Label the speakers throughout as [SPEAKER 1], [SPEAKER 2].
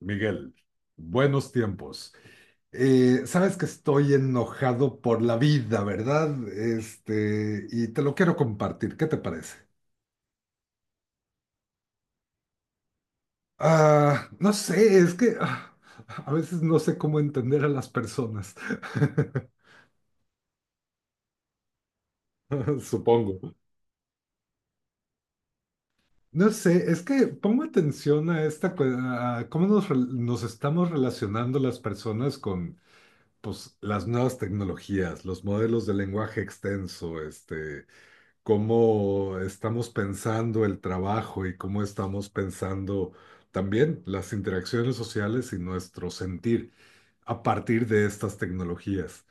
[SPEAKER 1] Miguel, buenos tiempos. Sabes que estoy enojado por la vida, ¿verdad? Y te lo quiero compartir. ¿Qué te parece? No sé, es que a veces no sé cómo entender a las personas. Supongo. No sé, es que pongo atención a a cómo nos estamos relacionando las personas con, pues, las nuevas tecnologías, los modelos de lenguaje extenso, Cómo estamos pensando el trabajo y cómo estamos pensando también las interacciones sociales y nuestro sentir a partir de estas tecnologías.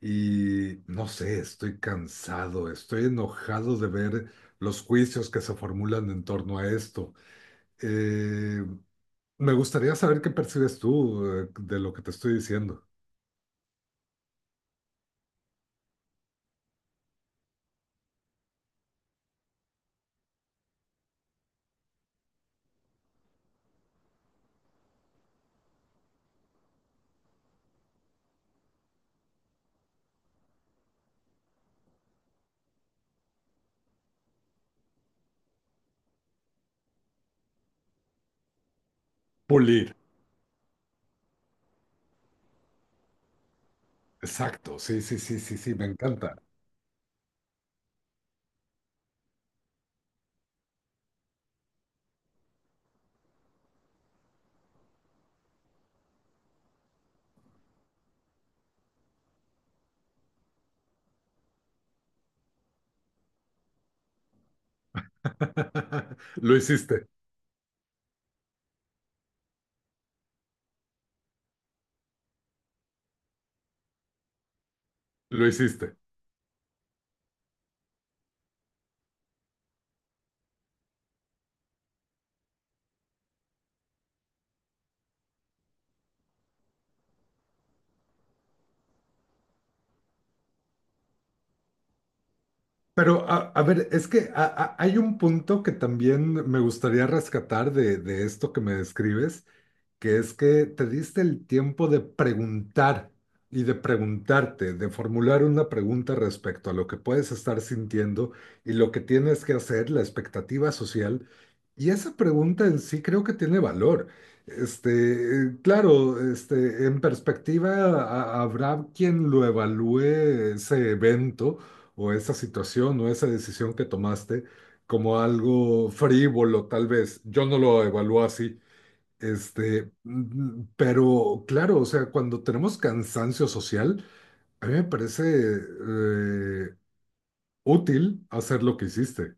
[SPEAKER 1] Y no sé, estoy cansado, estoy enojado de ver los juicios que se formulan en torno a esto. Eh, Me gustaría saber qué percibes tú de lo que te estoy diciendo. Pulir. Exacto, sí, sí, sí, sí, sí, me encanta. Lo hiciste, lo hiciste. Pero a ver, es que hay un punto que también me gustaría rescatar de esto que me describes, que es que te diste el tiempo de preguntar y de preguntarte, de formular una pregunta respecto a lo que puedes estar sintiendo y lo que tienes que hacer, la expectativa social. Y esa pregunta en sí creo que tiene valor. Claro, en perspectiva habrá quien lo evalúe ese evento o esa situación o esa decisión que tomaste como algo frívolo, tal vez. Yo no lo evalúo así. Este, mm, pero claro, o sea, cuando tenemos cansancio social, a mí me parece útil hacer lo que hiciste.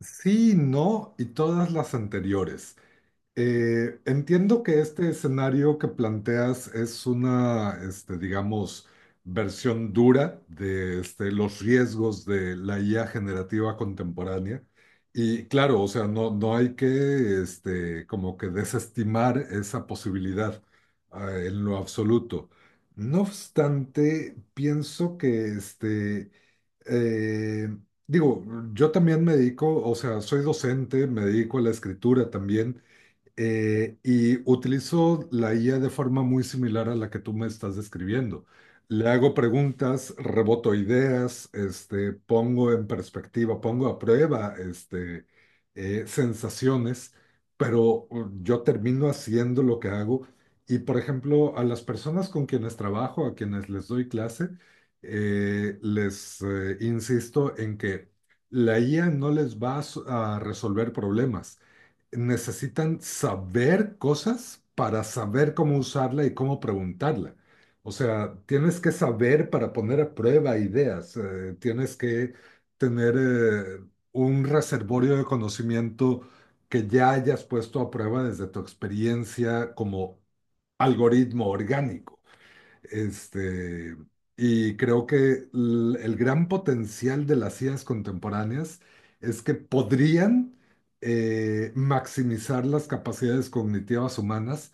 [SPEAKER 1] Sí, no y todas las anteriores. Entiendo que este escenario que planteas es una, digamos, versión dura de los riesgos de la IA generativa contemporánea. Y claro, o sea, no, no hay que, como que desestimar esa posibilidad, en lo absoluto. No obstante, pienso que, eh, digo, yo también me dedico, o sea, soy docente, me dedico a la escritura también. Y utilizo la IA de forma muy similar a la que tú me estás describiendo. Le hago preguntas, reboto ideas, pongo en perspectiva, pongo a prueba, sensaciones, pero yo termino haciendo lo que hago. Y por ejemplo, a las personas con quienes trabajo, a quienes les doy clase, les insisto en que la IA no les va a a resolver problemas. Necesitan saber cosas para saber cómo usarla y cómo preguntarla. O sea, tienes que saber para poner a prueba ideas, tienes que tener un reservorio de conocimiento que ya hayas puesto a prueba desde tu experiencia como algoritmo orgánico. Este, y creo que el gran potencial de las IAs contemporáneas es que podrían maximizar las capacidades cognitivas humanas,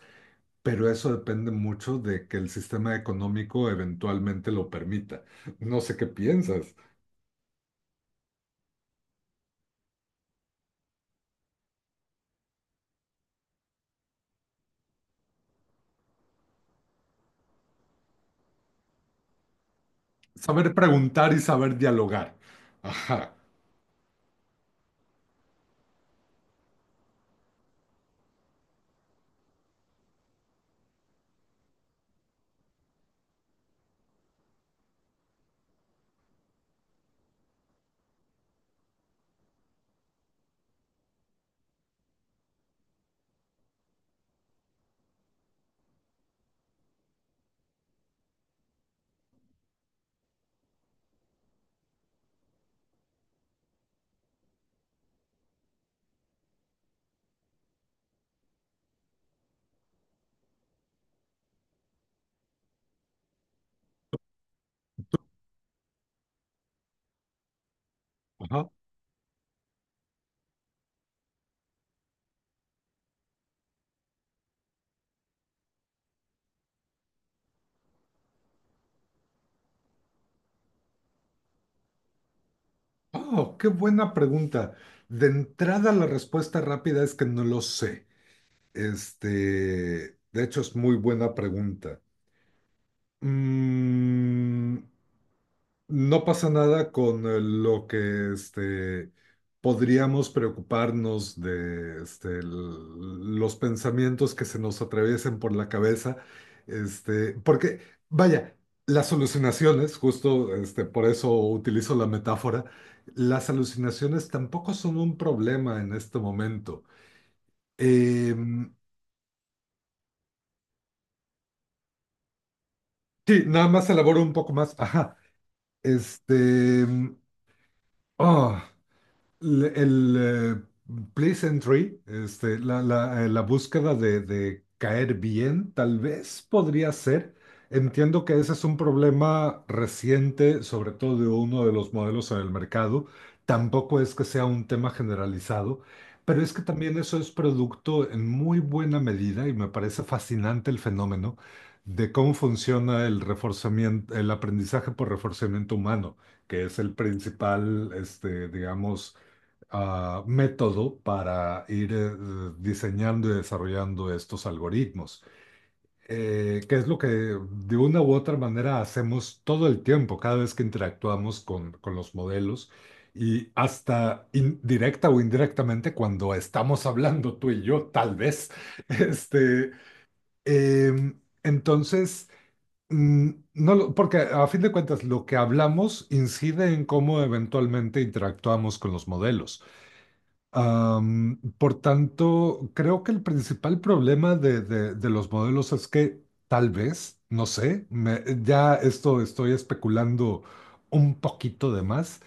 [SPEAKER 1] pero eso depende mucho de que el sistema económico eventualmente lo permita. No sé qué piensas. Saber preguntar y saber dialogar. Ajá, ajá. Oh, qué buena pregunta. De entrada, la respuesta rápida es que no lo sé. Este, de hecho, es muy buena pregunta. Mm, no pasa nada con lo que podríamos preocuparnos de los pensamientos que se nos atraviesen por la cabeza. Porque, vaya, las alucinaciones, justo por eso utilizo la metáfora, las alucinaciones tampoco son un problema en este momento. Em, Sí, nada más elaboro un poco más. Ajá. Este. mm, ah, el pleasantry, la búsqueda de caer bien, tal vez podría ser. Entiendo que ese es un problema reciente, sobre todo de uno de los modelos en el mercado. Tampoco es que sea un tema generalizado, pero es que también eso es producto en muy buena medida y me parece fascinante el fenómeno de cómo funciona el reforzamiento, el aprendizaje por reforzamiento humano, que es el principal, digamos, método para ir diseñando y desarrollando estos algoritmos, que es lo que de una u otra manera hacemos todo el tiempo, cada vez que interactuamos con los modelos y hasta directa o indirectamente cuando estamos hablando tú y yo, tal vez. Este, entonces... No, porque a fin de cuentas lo que hablamos incide en cómo eventualmente interactuamos con los modelos. Por tanto, creo que el principal problema de los modelos es que tal vez, no sé, ya esto estoy especulando un poquito de más,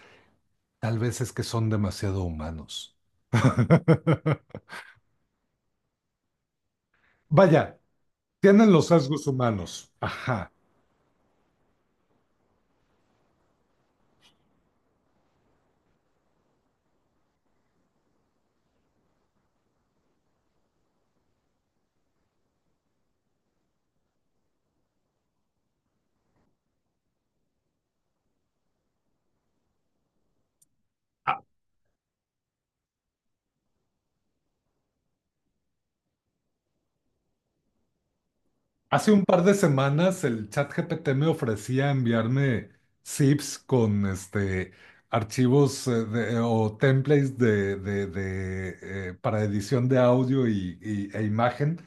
[SPEAKER 1] tal vez es que son demasiado humanos. Vaya, tienen los rasgos humanos. Ajá. Hace un par de semanas el chat GPT me ofrecía enviarme zips con archivos o templates para edición de audio e imagen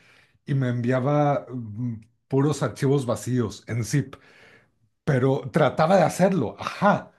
[SPEAKER 1] y me enviaba puros archivos vacíos en zip, pero trataba de hacerlo. Ajá,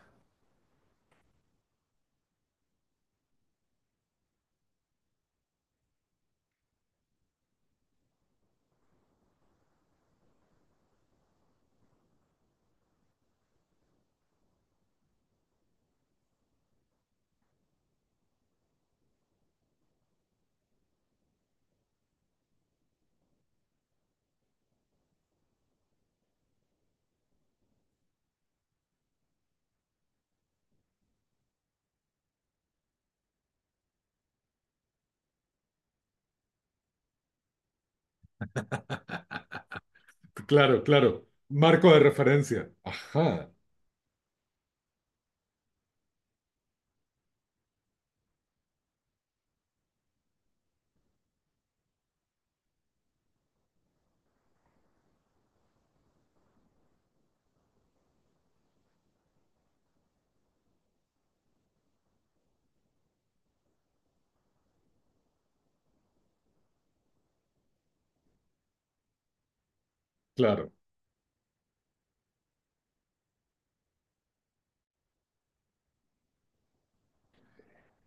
[SPEAKER 1] claro, claro. Marco de referencia. Ajá, claro.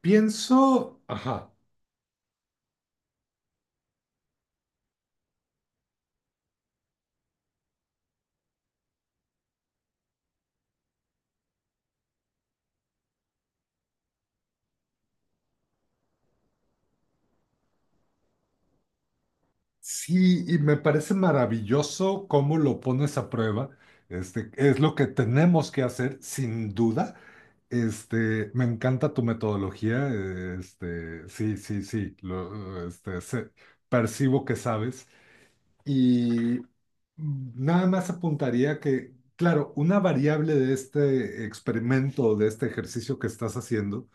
[SPEAKER 1] Pienso, ajá. Sí, y me parece maravilloso cómo lo pones a prueba. Es lo que tenemos que hacer, sin duda. Me encanta tu metodología. Sí, sí, sí. Percibo que sabes. Y nada más apuntaría que, claro, una variable de este experimento, de este ejercicio que estás haciendo,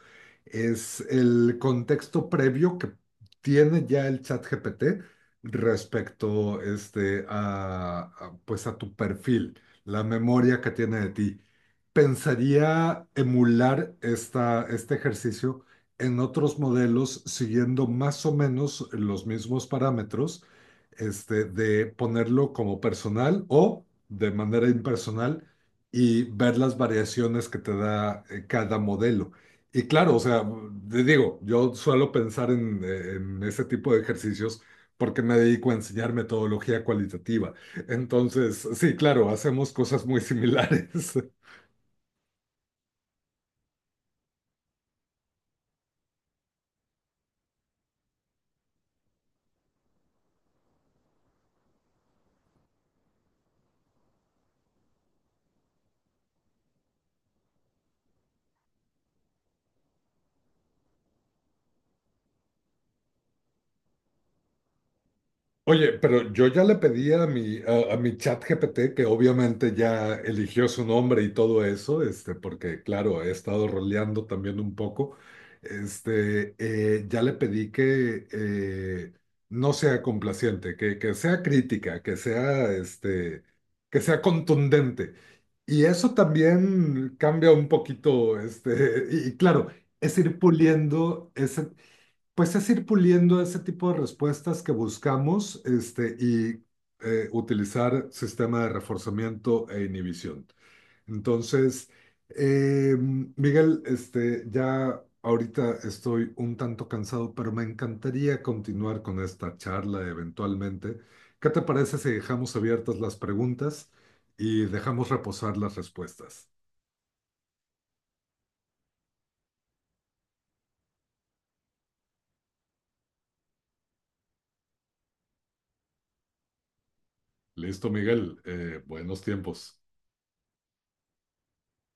[SPEAKER 1] es el contexto previo que tiene ya el chat GPT respecto a, pues a tu perfil, la memoria que tiene de ti. Pensaría emular este ejercicio en otros modelos siguiendo más o menos los mismos parámetros de ponerlo como personal o de manera impersonal y ver las variaciones que te da cada modelo. Y claro, o sea, te digo, yo suelo pensar en ese tipo de ejercicios porque me dedico a enseñar metodología cualitativa. Entonces, sí, claro, hacemos cosas muy similares. Oye, pero yo ya le pedí a mi chat GPT, que obviamente ya eligió su nombre y todo eso, porque claro, he estado roleando también un poco, ya le pedí que no sea complaciente, que sea crítica, que sea, que sea contundente. Y eso también cambia un poquito, y claro, es ir puliendo ese es ir puliendo ese tipo de respuestas que buscamos, y utilizar sistema de reforzamiento e inhibición. Entonces, eh, Miguel, ya ahorita estoy un tanto cansado, pero me encantaría continuar con esta charla eventualmente. ¿Qué te parece si dejamos abiertas las preguntas y dejamos reposar las respuestas? Listo, Miguel. Buenos tiempos.